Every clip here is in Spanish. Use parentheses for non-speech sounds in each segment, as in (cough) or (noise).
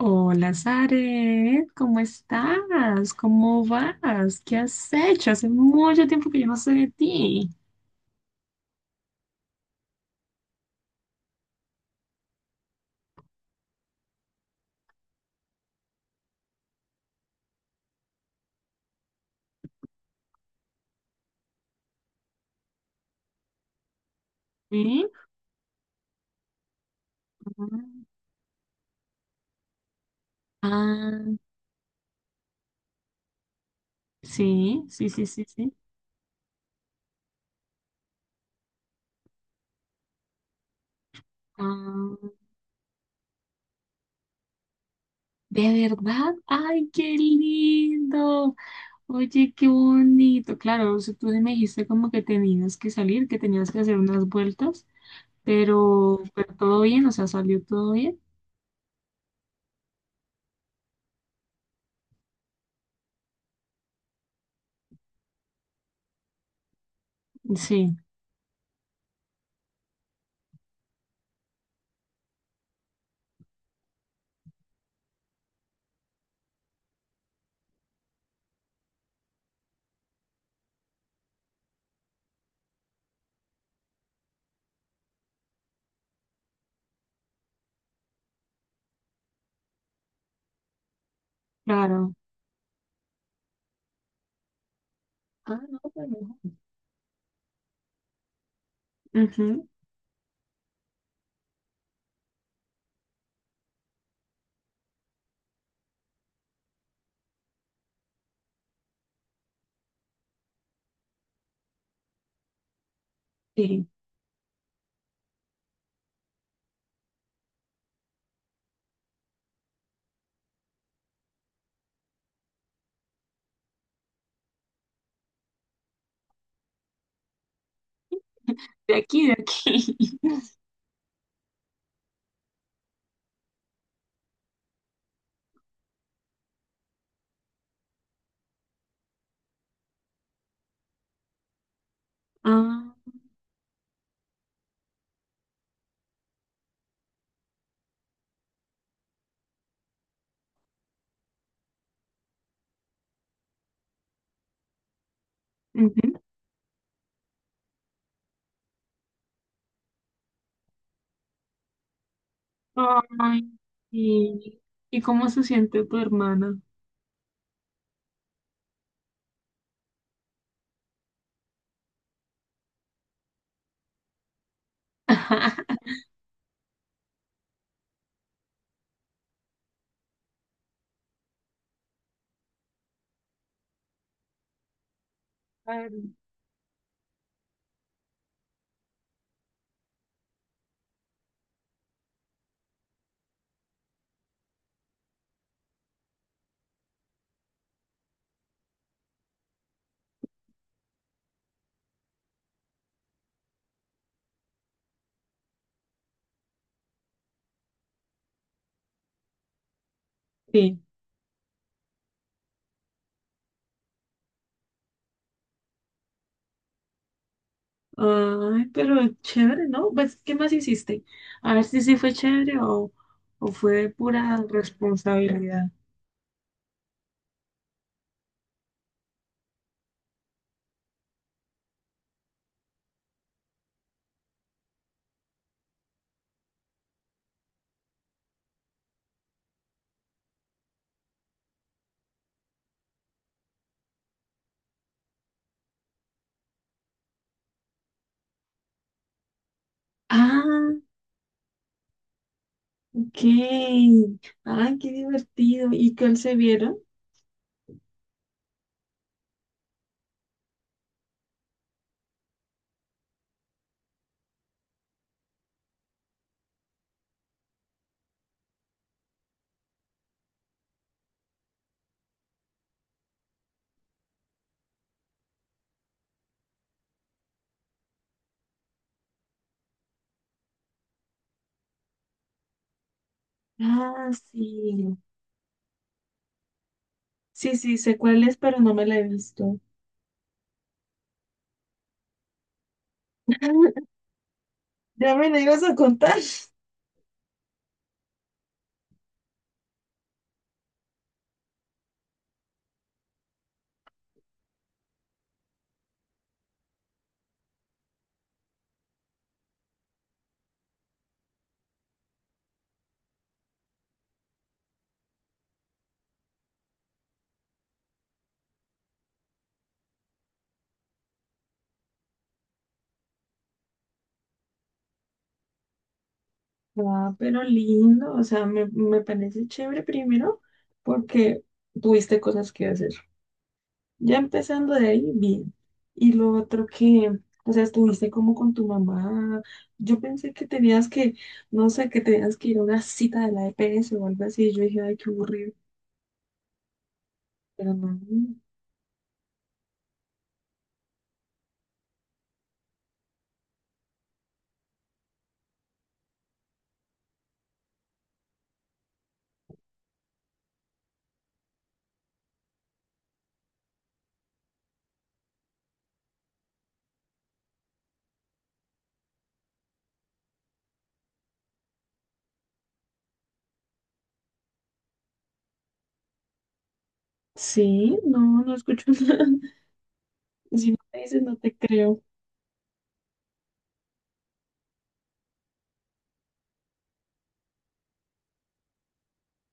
Hola, Zaret, ¿cómo estás? ¿Cómo vas? ¿Qué has hecho? Hace mucho tiempo que yo no sé de ti. ¿Sí? Ah, sí, sí, sí, sí, sí. Ah, ¿de verdad? ¡Ay, qué lindo! Oye, qué bonito. Claro, o sea, tú me dijiste como que tenías que salir, que tenías que hacer unas vueltas, pero todo bien, o sea, salió todo bien. Sí, claro. Ah, no, pero... Ujú, sí. De aquí, de aquí. (laughs) Ah, ujú. Ay, sí. ¿Y cómo se siente tu hermana? (laughs) Claro. Sí. Ay, pero chévere, ¿no? Pues, ¿qué más hiciste? A ver si sí fue chévere o fue pura responsabilidad. Ah, ok. Ay, qué divertido. ¿Y cuál se vieron? Ah, sí. Sí, sí, sé cuál es, pero no me la he visto. (laughs) Ya me la ibas a contar. Ah, pero lindo. O sea, me parece chévere primero porque tuviste cosas que hacer. Ya empezando de ahí, bien. Y lo otro que, o sea, estuviste como con tu mamá. Yo pensé que tenías que, no sé, que tenías que ir a una cita de la EPS o algo así. Yo dije, ay, qué aburrido. Pero no. Sí, no, no escucho (laughs) nada. Si no me dices, no te creo.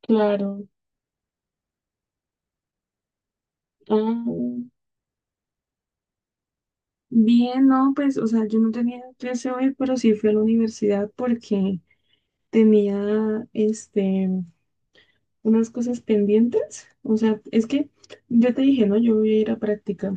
Claro. Ah, bien, no, pues, o sea, yo no tenía clase hoy, pero sí fui a la universidad porque tenía, este, unas cosas pendientes. O sea, es que yo te dije, no, yo voy a ir a práctica.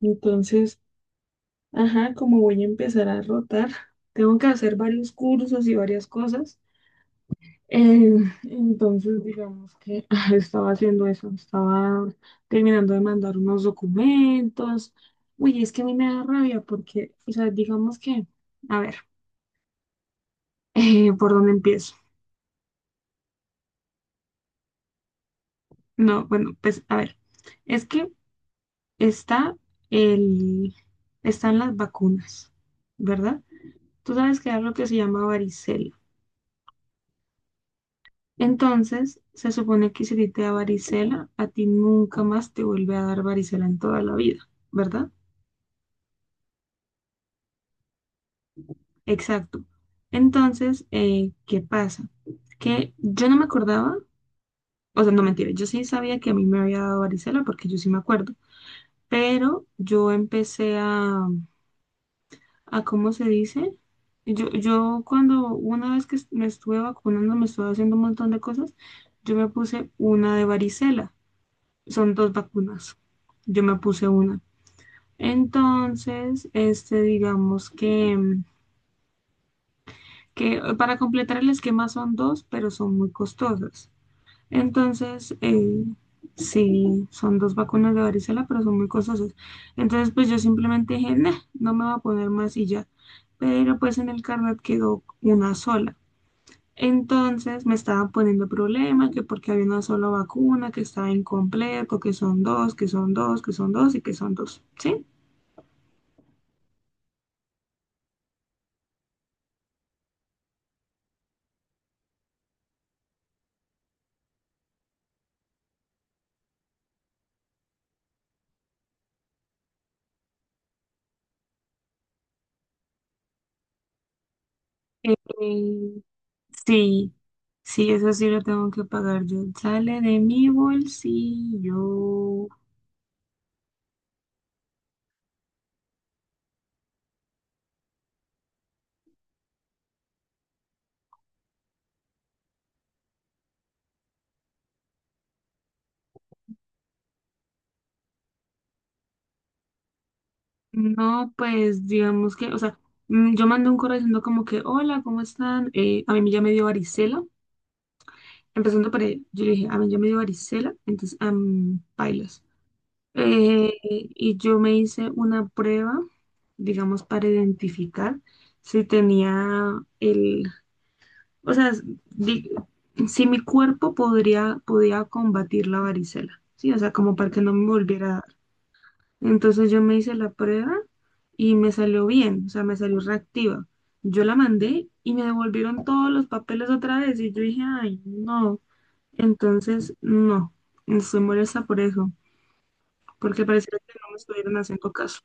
Entonces, ajá, como voy a empezar a rotar, (laughs) tengo que hacer varios cursos y varias cosas. Eh, entonces, digamos que (laughs) estaba haciendo eso, estaba terminando de mandar unos documentos. Uy, es que a mí me da rabia porque, o sea, digamos que, a ver, (laughs) ¿por dónde empiezo? No, bueno, pues a ver, es que está el, están las vacunas, ¿verdad? Tú sabes que hay algo que se llama varicela. Entonces, se supone que si a ti te da varicela, a ti nunca más te vuelve a dar varicela en toda la vida, ¿verdad? Exacto. Entonces, ¿qué pasa? Que yo no me acordaba, o sea, no mentira, yo sí sabía que a mí me había dado varicela porque yo sí me acuerdo, pero yo empecé a cómo se dice. Yo cuando una vez que me estuve vacunando, me estuve haciendo un montón de cosas, yo me puse una de varicela. Son dos vacunas. Yo me puse una. Entonces, este, digamos que, que para completar el esquema son dos, pero son muy costosas. Entonces, sí, son dos vacunas de varicela, pero son muy costosas. Entonces, pues yo simplemente dije, "Nah, no me voy a poner más y ya. Pero pues en el carnet quedó una sola. Entonces me estaban poniendo problema, que porque había una sola vacuna, que estaba incompleto, que son dos, que son dos, que son dos y que son dos, ¿sí? Eh, sí, sí, eso sí lo tengo que pagar yo. Sale de mi bolsillo. No, pues digamos que, o sea, yo mandé un correo diciendo como que, hola, ¿cómo están? A mí ya me dio varicela. Empezando por ahí, yo le dije, a mí ya me dio varicela, entonces, am, pailas. Y yo me hice una prueba, digamos, para identificar si tenía el, o sea, di- si mi cuerpo podría, podía combatir la varicela, ¿sí? O sea, como para que no me volviera entonces yo me hice la prueba y me salió bien, o sea, me salió reactiva. Yo la mandé y me devolvieron todos los papeles otra vez y yo dije, ay, no. Entonces, no, estoy molesta por eso, porque parecía que no me estuvieron haciendo caso.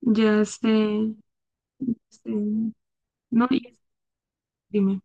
Ya sé, este, no, y es- dime,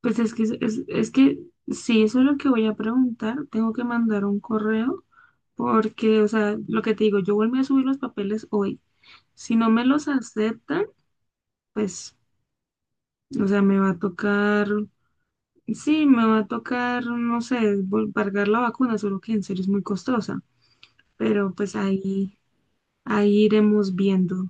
pues es que, es que sí, eso es lo que voy a preguntar, tengo que mandar un correo, porque, o sea, lo que te digo, yo volví a subir los papeles hoy. Si no me los aceptan, pues, o sea, me va a tocar, sí, me va a tocar, no sé, pagar la vacuna, solo que en serio es muy costosa, pero pues ahí, ahí iremos viendo.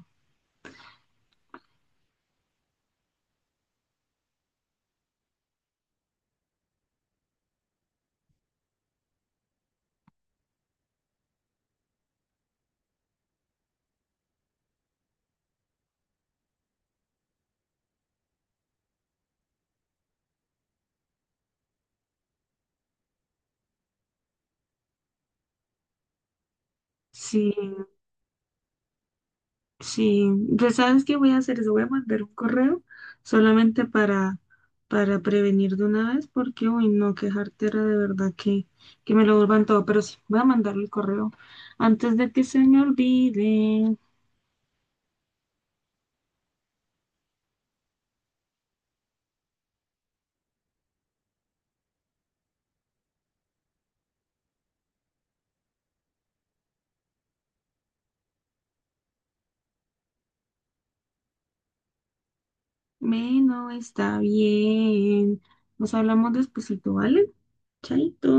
Sí, sí, pues sabes qué voy a hacer, eso voy a mandar un correo solamente para prevenir de una vez, porque, uy, no, qué jartera de verdad que me lo vuelvan todo, pero sí, voy a mandarle el correo antes de que se me olvide. Bueno, está bien. Nos hablamos despuesito, ¿vale? Chaito.